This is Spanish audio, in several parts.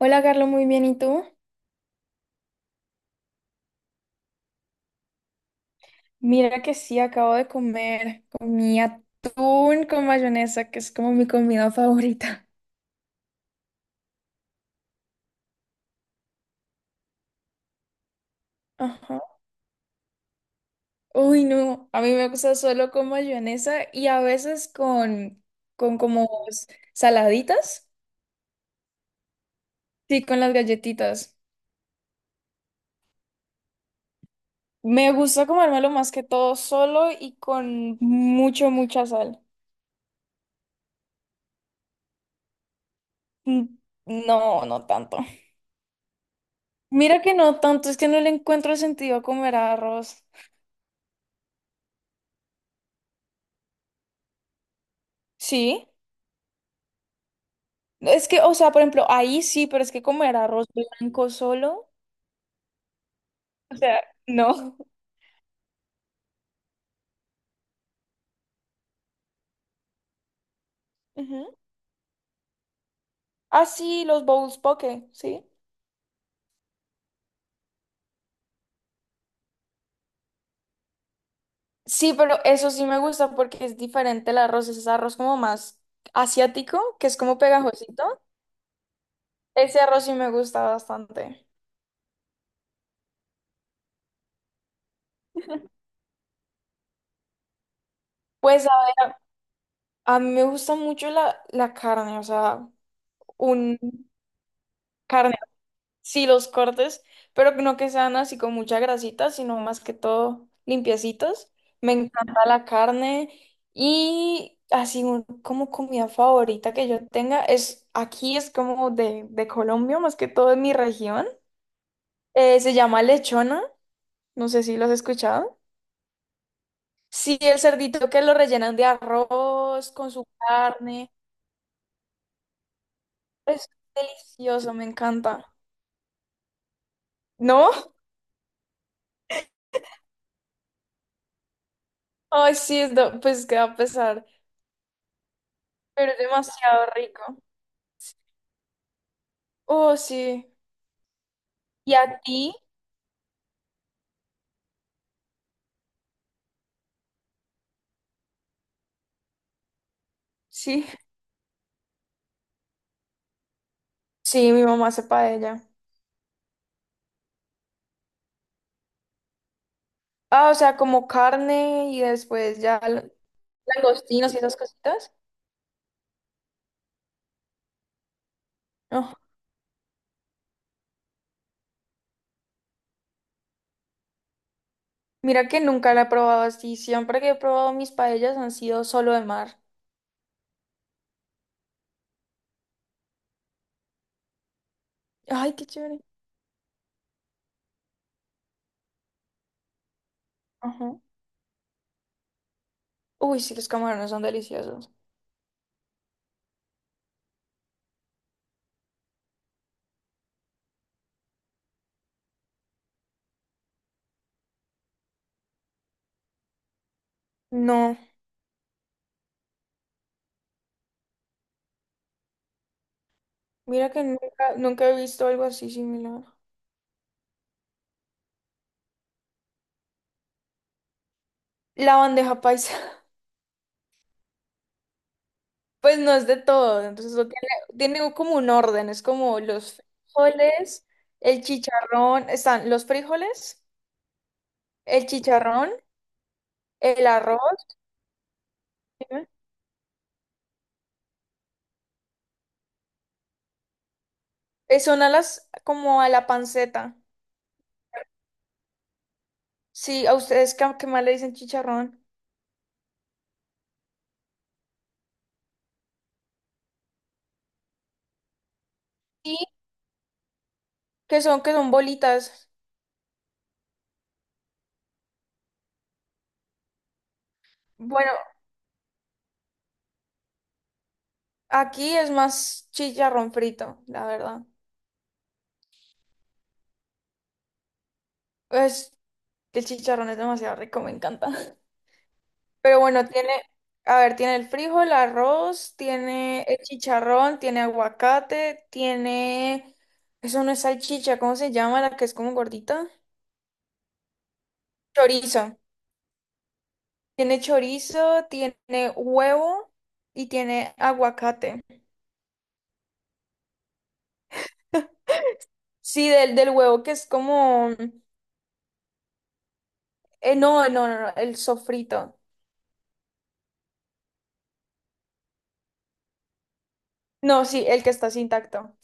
Hola, Carlos, muy bien. ¿Y tú? Mira que sí, acabo de comer. Comí atún con mayonesa, que es como mi comida favorita. Ajá. Uy, no. A mí me gusta solo con mayonesa y a veces con como saladitas. Sí, con las galletitas. Me gusta comérmelo más que todo solo y con mucha sal. Mm, no, no tanto. Mira que no tanto, es que no le encuentro sentido a comer arroz. Sí. Es que, o sea, por ejemplo, ahí sí, pero es que como era arroz blanco solo, o sea, no. Ujú. Ah, sí, los bowls poke, ¿sí? Sí, pero eso sí me gusta porque es diferente el arroz, es arroz como más asiático, que es como pegajosito. Ese arroz sí me gusta bastante. Pues a ver, a mí me gusta mucho la carne, o sea, un carne sí, los cortes, pero no que sean así con mucha grasita, sino más que todo limpiecitos. Me encanta la carne y así como comida favorita que yo tenga es aquí es como de Colombia, más que todo en mi región. Se llama lechona, no sé si lo has escuchado. Sí, el cerdito que lo rellenan de arroz con su carne. Es delicioso, me encanta. ¿No? Ay, sí, pues queda a pesar, pero es demasiado rico. Oh, sí. ¿Y a ti? Sí, sí, mi mamá hace paella. Ah, o sea, como carne y después ya langostinos y esas cositas. Oh, mira que nunca la he probado así. Siempre que he probado mis paellas han sido solo de mar. Ay, qué chévere. Ajá. Uy, sí, los camarones son deliciosos. No, mira que nunca, nunca he visto algo así similar. La bandeja paisa. Pues no es de todo, entonces eso tiene, tiene como un orden, es como los frijoles, el chicharrón, están los frijoles, el chicharrón, el arroz, dime, son a las, como a la panceta, sí, a ustedes que más le dicen chicharrón, y que son bolitas, bueno, aquí es más chicharrón frito, la verdad, pues el chicharrón es demasiado rico, me encanta. Pero bueno, tiene, a ver, tiene el frijol, el arroz, tiene el chicharrón, tiene aguacate, tiene, eso no es salchicha, ¿cómo se llama? La que es como gordita. Chorizo. Tiene chorizo, tiene huevo y tiene aguacate. Sí, del huevo que es como, no, el sofrito. No, sí, el que está así intacto.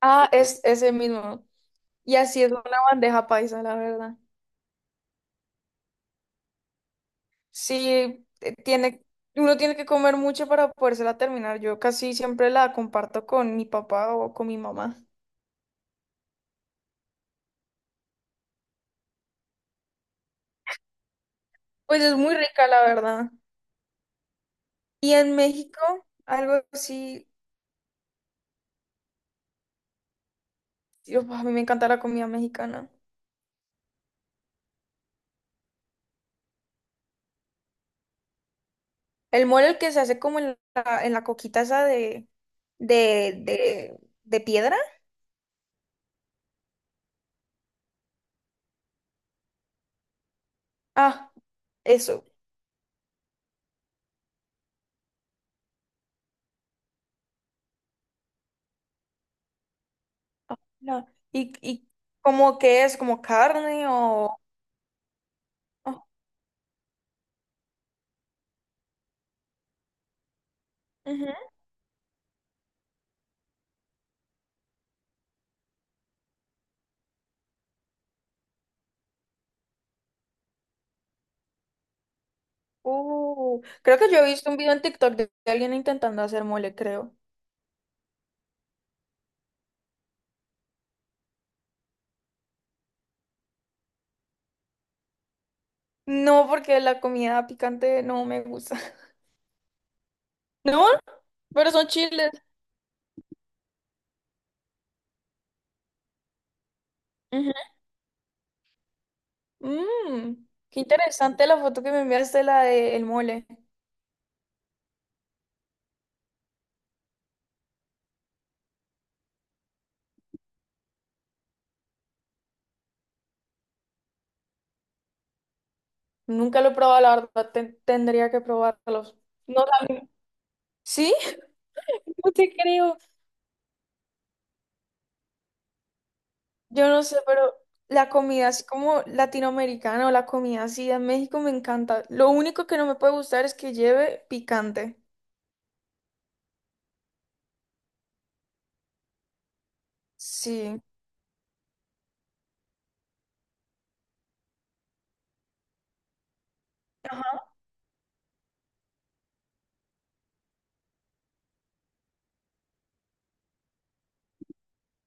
Ah, es ese mismo. Y así es una bandeja paisa, la verdad. Sí, tiene, uno tiene que comer mucho para podérsela terminar. Yo casi siempre la comparto con mi papá o con mi mamá. Pues es muy rica, la verdad. Y en México, algo así, yo, a mí me encanta la comida mexicana. El mole, el que se hace como en la coquita esa de piedra. Ah, eso. Ah, no. Y como que es como carne o... creo que yo he visto un video en TikTok de alguien intentando hacer mole, creo. No, porque la comida picante no me gusta. No, pero son chiles. Ujú. Mm, qué interesante la foto que me enviaste, la del mole. Nunca lo he probado, la verdad, tendría que probarlos. No sabía. ¿Sí? No te creo. Yo no sé, pero la comida así como latinoamericana o la comida así de México me encanta. Lo único que no me puede gustar es que lleve picante. Sí.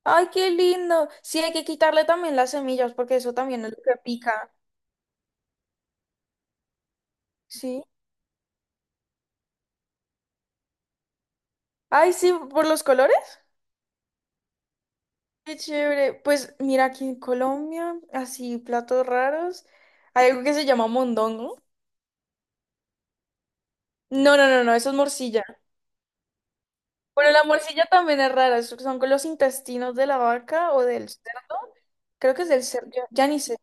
Ay, qué lindo. Sí, hay que quitarle también las semillas porque eso también es lo que pica. Sí. Ay, sí, por los colores. Qué chévere. Pues mira, aquí en Colombia, así platos raros. Hay algo que se llama mondongo. No, no, no, no, eso es morcilla. Bueno, la morcilla también es rara. Eso Son con los intestinos de la vaca o del cerdo. Creo que es del cerdo, ya ni sé.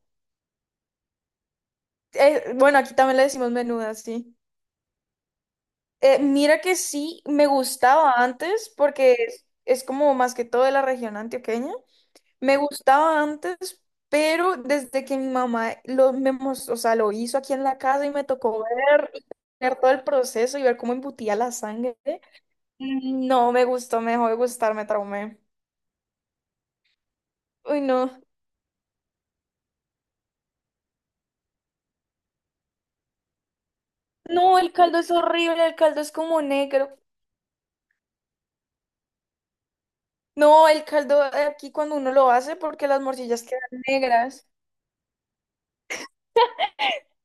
Bueno, aquí también le decimos menuda, sí. Mira que sí, me gustaba antes porque es como más que todo de la región antioqueña. Me gustaba antes, pero desde que mi mamá lo, o sea, lo hizo aquí en la casa y me tocó ver, y ver todo el proceso y ver cómo embutía la sangre, mm, no me gustó, me dejó de gustar, me traumé. Uy, no. No, el caldo es horrible, el caldo es como negro. No, el caldo aquí cuando uno lo hace porque las morcillas quedan negras.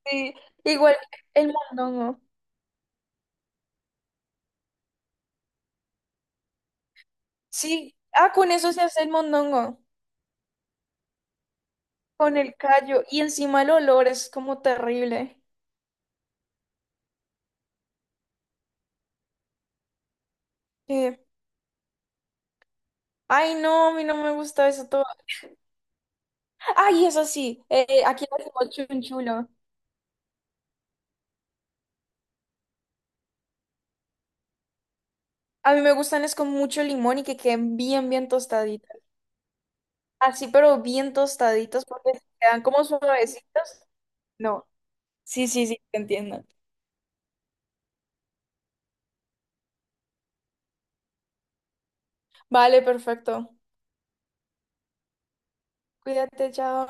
Sí, igual el mondongo. Sí, ah, con eso se hace el mondongo, con el callo y encima el olor es como terrible. Sí. Ay, no, a mí no me gusta eso todo. Ay, eso sí, aquí le decimos chunchulo. A mí me gustan es con mucho limón y que queden bien, bien tostaditas. Así, pero bien tostaditas porque si quedan como suavecitas. No. Sí, sí, sí, te entiendo. Vale, perfecto. Cuídate, chao.